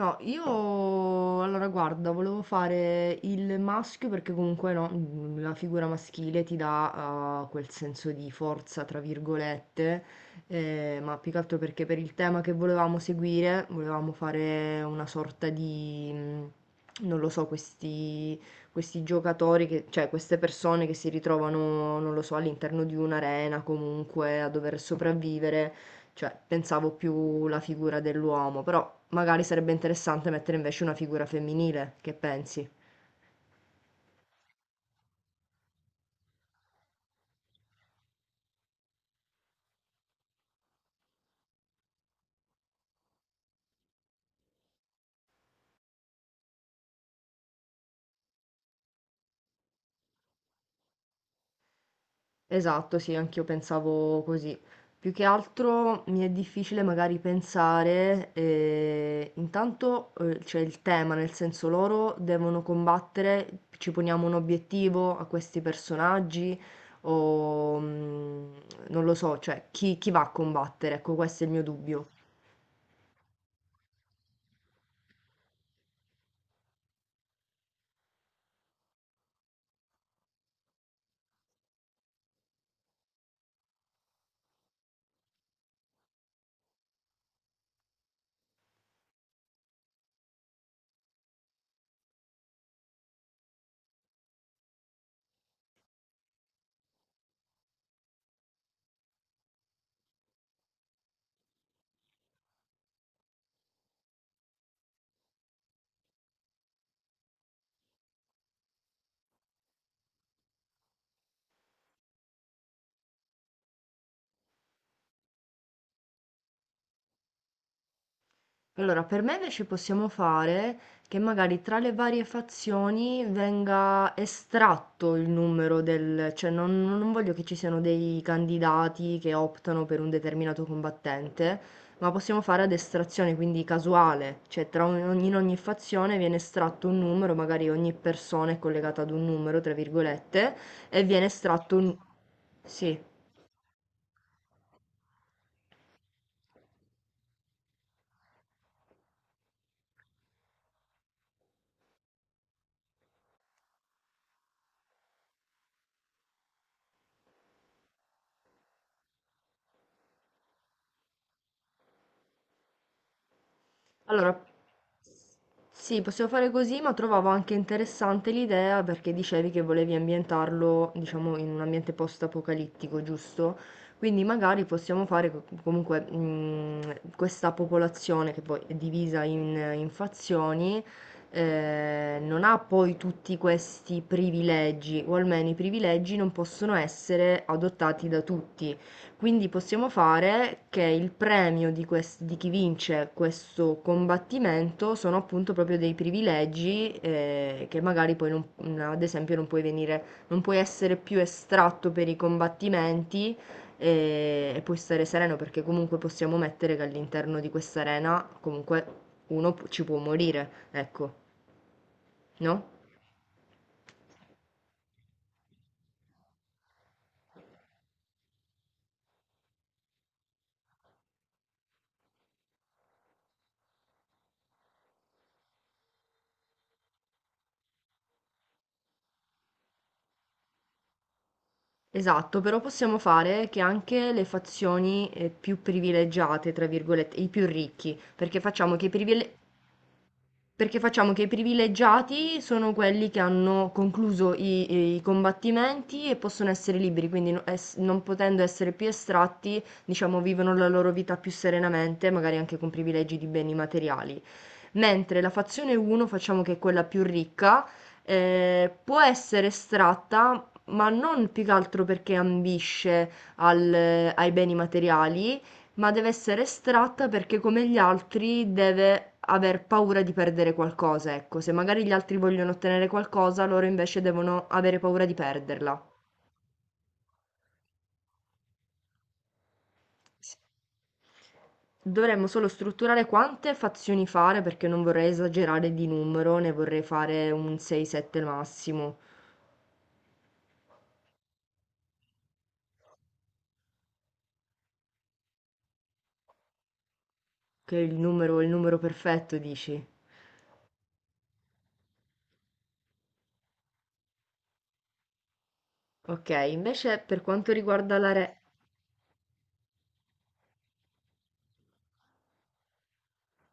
No, io allora guarda, volevo fare il maschio perché comunque no, la figura maschile ti dà quel senso di forza, tra virgolette, ma più che altro perché per il tema che volevamo seguire, volevamo fare una sorta di, non lo so, questi giocatori, cioè queste persone che si ritrovano, non lo so, all'interno di un'arena comunque a dover sopravvivere, cioè pensavo più la figura dell'uomo, però magari sarebbe interessante mettere invece una figura femminile, che pensi? Esatto, sì, anch'io pensavo così. Più che altro mi è difficile magari pensare, intanto c'è il tema, nel senso loro devono combattere, ci poniamo un obiettivo a questi personaggi o mm, non lo so, cioè chi va a combattere? Ecco, questo è il mio dubbio. Allora, per me invece possiamo fare che magari tra le varie fazioni venga estratto il numero del, cioè non voglio che ci siano dei candidati che optano per un determinato combattente, ma possiamo fare ad estrazione, quindi casuale, cioè in ogni fazione viene estratto un numero, magari ogni persona è collegata ad un numero, tra virgolette, e viene estratto un... Sì. Allora, sì, possiamo fare così, ma trovavo anche interessante l'idea perché dicevi che volevi ambientarlo, diciamo, in un ambiente post-apocalittico, giusto? Quindi magari possiamo fare comunque questa popolazione che poi è divisa in fazioni, non ha poi tutti questi privilegi, o almeno i privilegi non possono essere adottati da tutti. Quindi possiamo fare che il premio di chi vince questo combattimento sono appunto proprio dei privilegi che magari poi non- n- ad esempio non puoi venire, non puoi essere più estratto per i combattimenti e puoi stare sereno perché comunque possiamo mettere che all'interno di questa arena comunque ci può morire, ecco, no? Esatto, però possiamo fare che anche le fazioni, più "privilegiate", tra virgolette, i più ricchi, perché facciamo che i privilegiati sono quelli che hanno concluso i combattimenti e possono essere liberi, quindi no ess non potendo essere più estratti, diciamo, vivono la loro vita più serenamente, magari anche con privilegi di beni materiali, mentre la fazione 1, facciamo che è quella più ricca, può essere estratta, ma non più che altro perché ambisce ai beni materiali, ma deve essere estratta perché come gli altri deve aver paura di perdere qualcosa, ecco, se magari gli altri vogliono ottenere qualcosa, loro invece devono avere paura di perderla. S Dovremmo solo strutturare quante fazioni fare, perché non vorrei esagerare di numero, ne vorrei fare un 6, 7 massimo, che è il numero perfetto dici. Okay, invece per quanto riguarda la re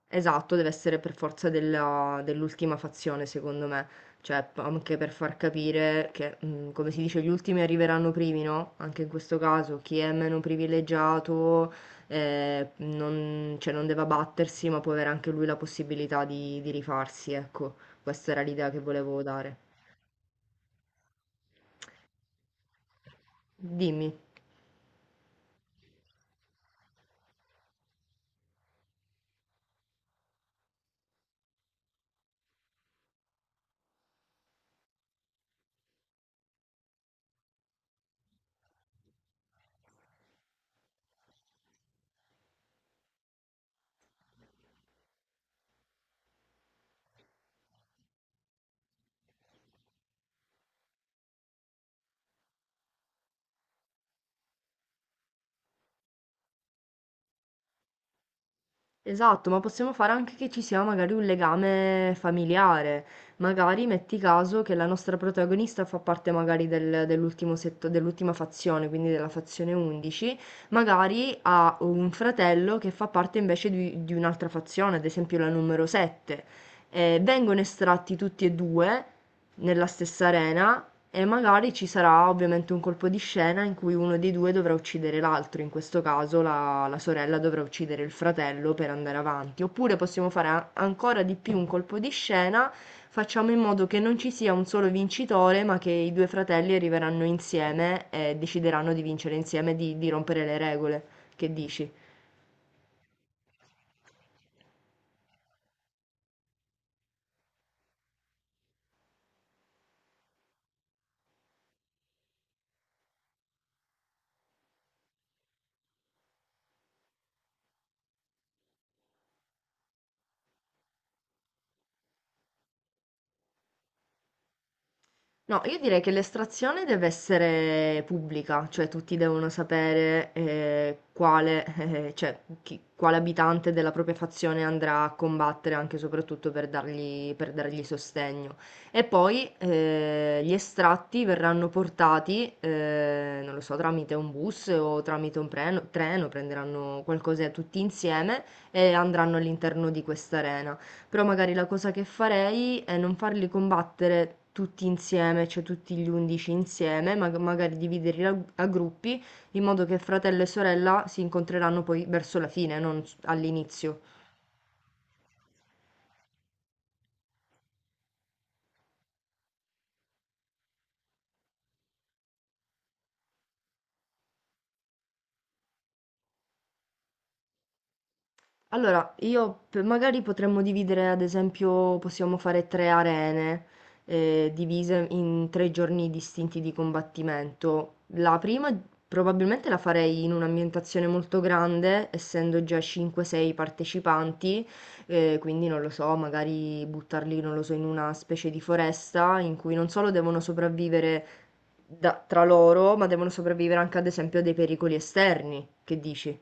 esatto, deve essere per forza dell'ultima fazione, secondo me. Cioè, anche per far capire che, come si dice, gli ultimi arriveranno primi, no? Anche in questo caso, chi è meno privilegiato, non, cioè, non deve abbattersi, ma può avere anche lui la possibilità di rifarsi, ecco. Questa era l'idea che volevo dare. Dimmi. Esatto, ma possiamo fare anche che ci sia magari un legame familiare. Magari metti caso che la nostra protagonista fa parte magari dell'ultima fazione, quindi della fazione 11, magari ha un fratello che fa parte invece di un'altra fazione, ad esempio la numero 7. Vengono estratti tutti e due nella stessa arena, e magari ci sarà ovviamente un colpo di scena in cui uno dei due dovrà uccidere l'altro, in questo caso la sorella dovrà uccidere il fratello per andare avanti. Oppure possiamo fare ancora di più un colpo di scena, facciamo in modo che non ci sia un solo vincitore, ma che i due fratelli arriveranno insieme e decideranno di vincere insieme, di rompere le regole. Che dici? No, io direi che l'estrazione deve essere pubblica, cioè tutti devono sapere quale, cioè, quale abitante della propria fazione andrà a combattere, anche e soprattutto per dargli sostegno. E poi gli estratti verranno portati, non lo so, tramite un bus o tramite un treno, prenderanno qualcosa tutti insieme e andranno all'interno di questa arena. Però magari la cosa che farei è non farli combattere tutti insieme, cioè tutti gli 11 insieme, ma magari dividerli a gruppi, in modo che fratello e sorella si incontreranno poi verso la fine, non s- all'inizio. Allora, io magari potremmo dividere, ad esempio, possiamo fare tre arene divise in tre giorni distinti di combattimento. La prima probabilmente la farei in un'ambientazione molto grande, essendo già 5-6 partecipanti, quindi non lo so, magari buttarli, non lo so, in una specie di foresta in cui non solo devono sopravvivere tra loro, ma devono sopravvivere anche, ad esempio, a dei pericoli esterni. Che dici?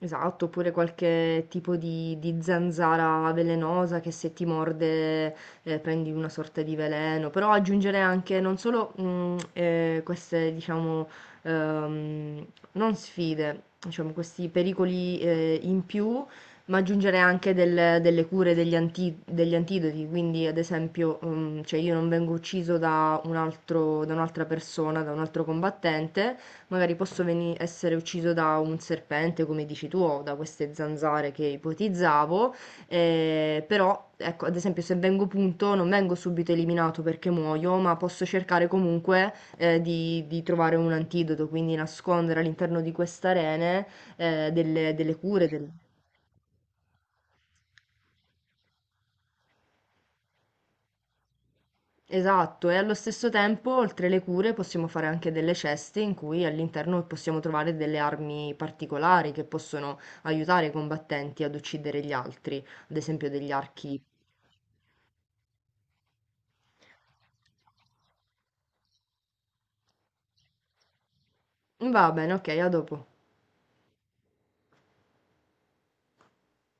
Esatto, oppure qualche tipo di zanzara velenosa che se ti morde prendi una sorta di veleno, però aggiungere anche non solo queste, diciamo, ehm, non sfide, diciamo, questi pericoli in più, ma aggiungere anche delle cure, degli antidoti, quindi ad esempio, cioè io non vengo ucciso da da un'altra persona, da un altro combattente, magari posso essere ucciso da un serpente, come dici tu, o da queste zanzare che ipotizzavo, però, ecco, ad esempio, se vengo punto, non vengo subito eliminato perché muoio, ma posso cercare comunque di trovare un antidoto, quindi nascondere all'interno di queste arene delle cure, esatto, e allo stesso tempo, oltre le cure, possiamo fare anche delle ceste in cui all'interno possiamo trovare delle armi particolari che possono aiutare i combattenti ad uccidere gli altri, ad esempio degli archi. Va bene, ok, a dopo.